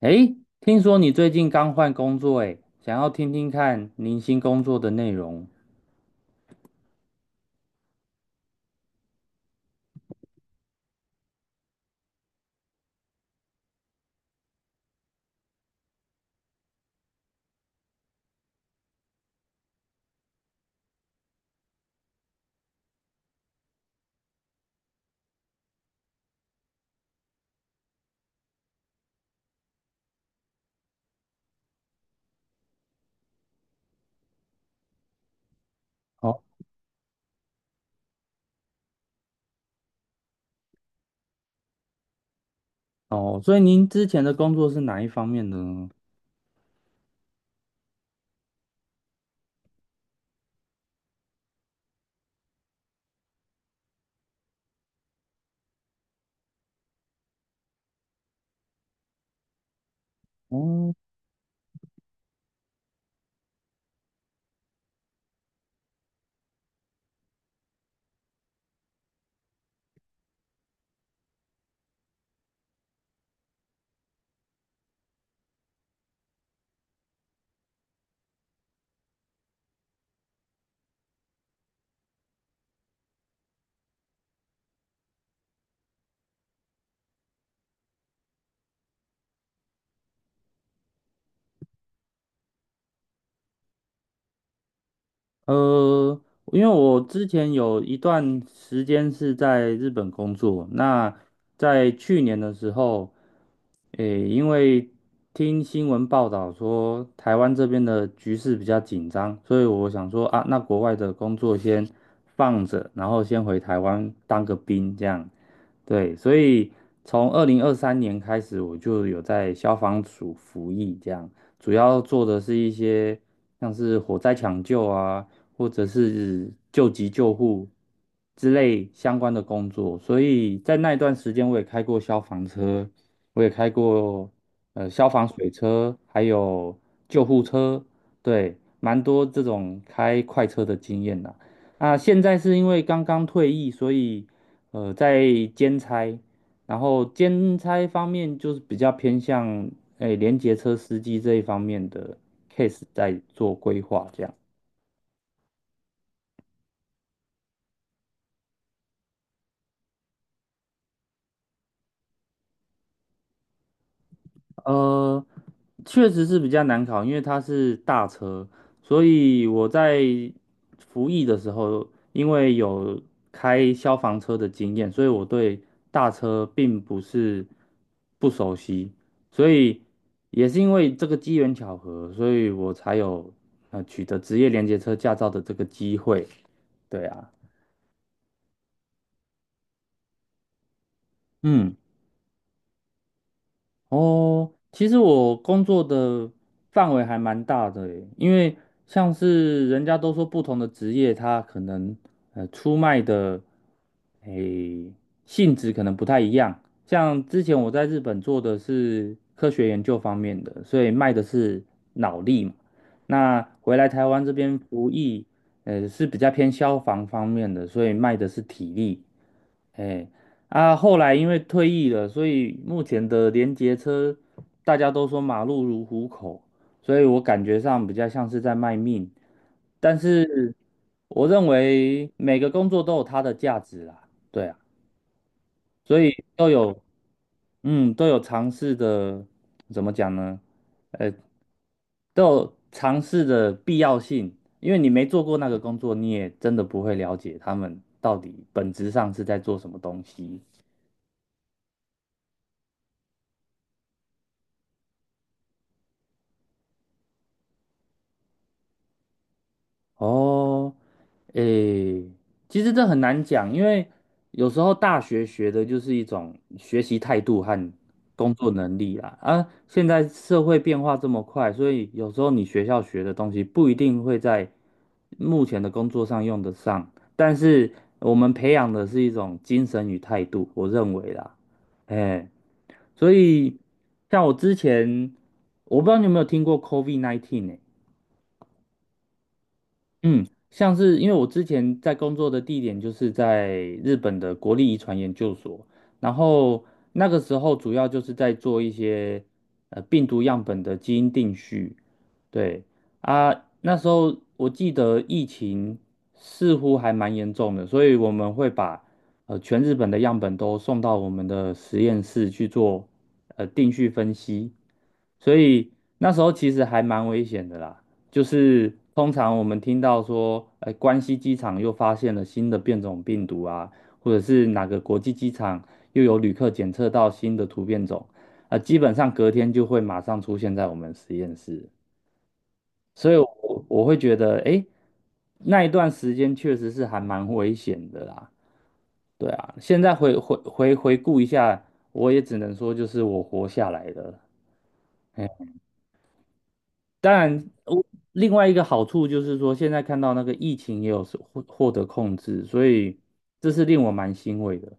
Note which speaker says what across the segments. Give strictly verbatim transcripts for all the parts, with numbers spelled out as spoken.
Speaker 1: 诶，听说你最近刚换工作，诶，想要听听看您新工作的内容。哦哦，所以您之前的工作是哪一方面的呢？哦，呃，因为我之前有一段时间是在日本工作，那在去年的时候，诶，因为听新闻报道说台湾这边的局势比较紧张，所以我想说啊，那国外的工作先放着，然后先回台湾当个兵这样。对，所以从二零二三年开始，我就有在消防署服役，这样主要做的是一些像是火灾抢救啊，或者是救急救护之类相关的工作。所以在那一段时间，我也开过消防车，我也开过呃消防水车，还有救护车，对，蛮多这种开快车的经验啦。那现在是因为刚刚退役，所以呃在兼差，然后兼差方面就是比较偏向诶联结车司机这一方面的 case 在做规划这样。呃，确实是比较难考，因为它是大车，所以我在服役的时候，因为有开消防车的经验，所以我对大车并不是不熟悉，所以也是因为这个机缘巧合，所以我才有呃取得职业连接车驾照的这个机会。对啊，嗯。哦，其实我工作的范围还蛮大的诶，因为像是人家都说不同的职业，它可能呃出卖的诶性质可能不太一样。像之前我在日本做的是科学研究方面的，所以卖的是脑力嘛。那回来台湾这边服役，呃是比较偏消防方面的，所以卖的是体力。哎，啊，后来因为退役了，所以目前的联结车大家都说马路如虎口，所以我感觉上比较像是在卖命。但是我认为每个工作都有它的价值啦，对啊，所以都有，嗯，都有尝试的，怎么讲呢？呃，都有尝试的必要性，因为你没做过那个工作，你也真的不会了解他们到底本质上是在做什么东西。哦，诶，其实这很难讲，因为有时候大学学的就是一种学习态度和工作能力啦。啊，现在社会变化这么快，所以有时候你学校学的东西不一定会在目前的工作上用得上，但是我们培养的是一种精神与态度，我认为啦，哎，所以像我之前，我不知道你有没有听过 COVID 十九 呢？嗯，像是因为我之前在工作的地点就是在日本的国立遗传研究所，然后那个时候主要就是在做一些呃病毒样本的基因定序，对啊，那时候我记得疫情似乎还蛮严重的，所以我们会把呃全日本的样本都送到我们的实验室去做呃定序分析，所以那时候其实还蛮危险的啦。就是通常我们听到说，哎、关西机场又发现了新的变种病毒啊，或者是哪个国际机场又有旅客检测到新的突变种，呃，基本上隔天就会马上出现在我们实验室。所以我我会觉得，哎，那一段时间确实是还蛮危险的啦。对啊，现在回回回回顾一下，我也只能说就是我活下来了。哎，当然，我另外一个好处就是说，现在看到那个疫情也有是获获得控制，所以这是令我蛮欣慰的。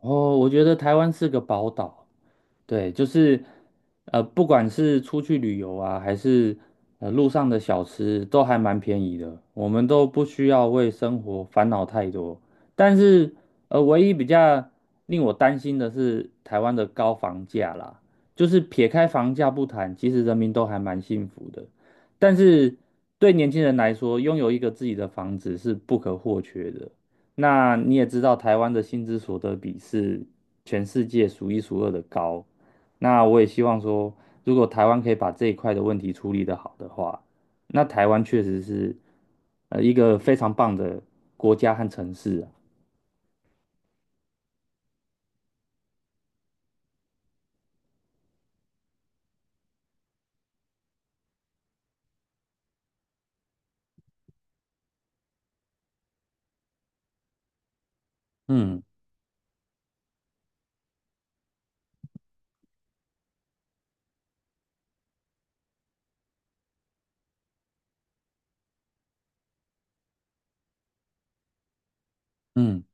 Speaker 1: 哦，我觉得台湾是个宝岛。对，就是呃，不管是出去旅游啊，还是呃路上的小吃，都还蛮便宜的，我们都不需要为生活烦恼太多。但是呃，唯一比较令我担心的是台湾的高房价啦，就是撇开房价不谈，其实人民都还蛮幸福的。但是对年轻人来说，拥有一个自己的房子是不可或缺的。那你也知道，台湾的薪资所得比是全世界数一数二的高。那我也希望说，如果台湾可以把这一块的问题处理的好的话，那台湾确实是呃一个非常棒的国家和城市啊。嗯嗯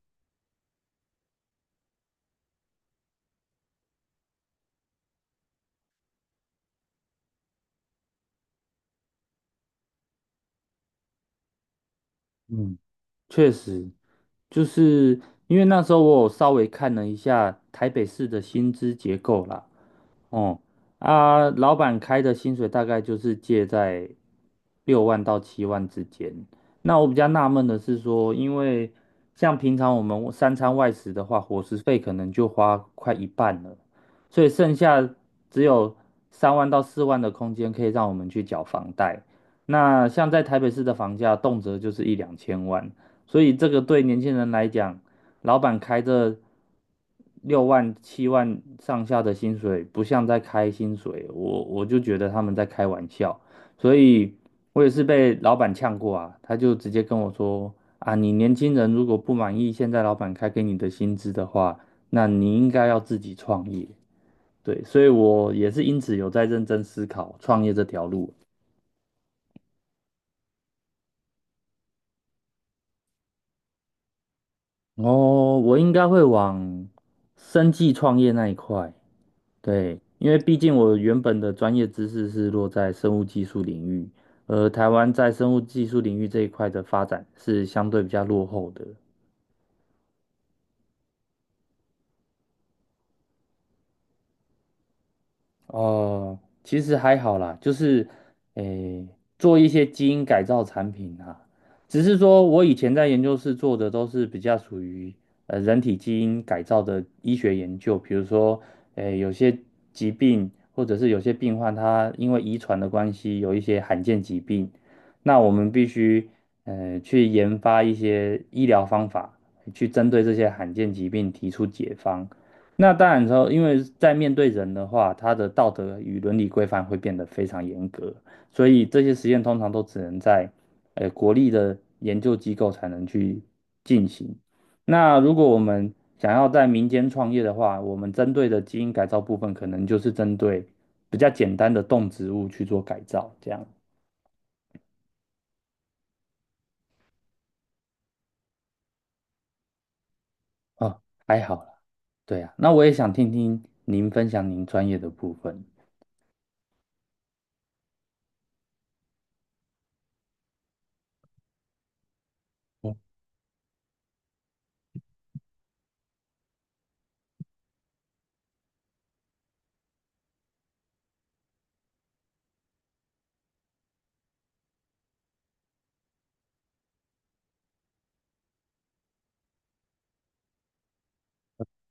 Speaker 1: 嗯，确实，就是因为那时候我有稍微看了一下台北市的薪资结构啦，哦，啊，老板开的薪水大概就是介在六万到七万之间。那我比较纳闷的是说，因为像平常我们三餐外食的话，伙食费可能就花快一半了，所以剩下只有三万到四万的空间可以让我们去缴房贷。那像在台北市的房价，动辄就是一两千万，所以这个对年轻人来讲，老板开着六万七万上下的薪水，不像在开薪水，我我就觉得他们在开玩笑，所以我也是被老板呛过啊，他就直接跟我说啊，你年轻人如果不满意现在老板开给你的薪资的话，那你应该要自己创业。对，所以我也是因此有在认真思考创业这条路。哦，我应该会往生计创业那一块。对，因为毕竟我原本的专业知识是落在生物技术领域，而台湾在生物技术领域这一块的发展是相对比较落后的。哦，其实还好啦，就是诶，做一些基因改造产品啊，只是说我以前在研究室做的都是比较属于呃人体基因改造的医学研究，比如说诶有些疾病或者是有些病患他因为遗传的关系有一些罕见疾病，那我们必须呃去研发一些医疗方法去针对这些罕见疾病提出解方。那当然之后，因为在面对人的话，他的道德与伦理规范会变得非常严格，所以这些实验通常都只能在呃国立的研究机构才能去进行。那如果我们想要在民间创业的话，我们针对的基因改造部分，可能就是针对比较简单的动植物去做改造，这样哦，还好啦。对啊，那我也想听听您分享您专业的部分。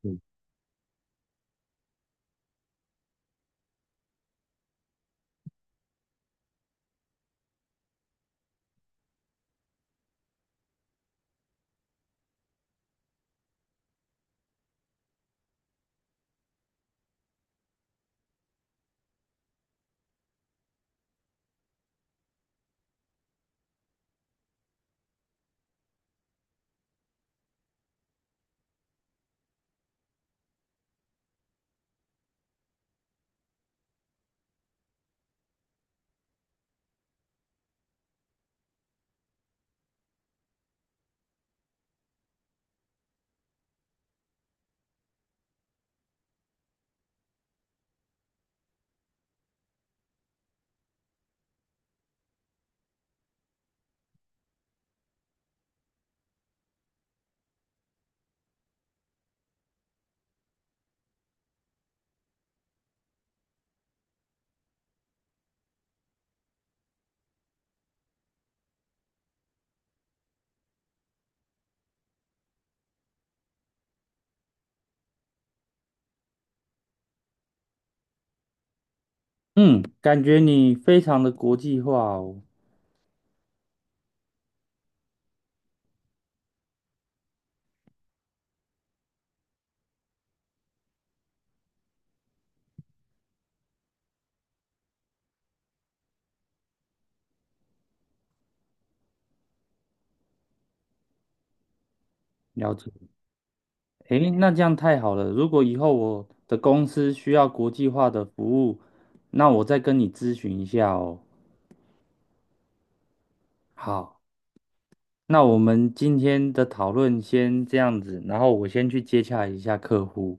Speaker 1: 嗯，嗯，感觉你非常的国际化哦。了解，诶，那这样太好了。如果以后我的公司需要国际化的服务，那我再跟你咨询一下哦。好，那我们今天的讨论先这样子，然后我先去接洽一下客户。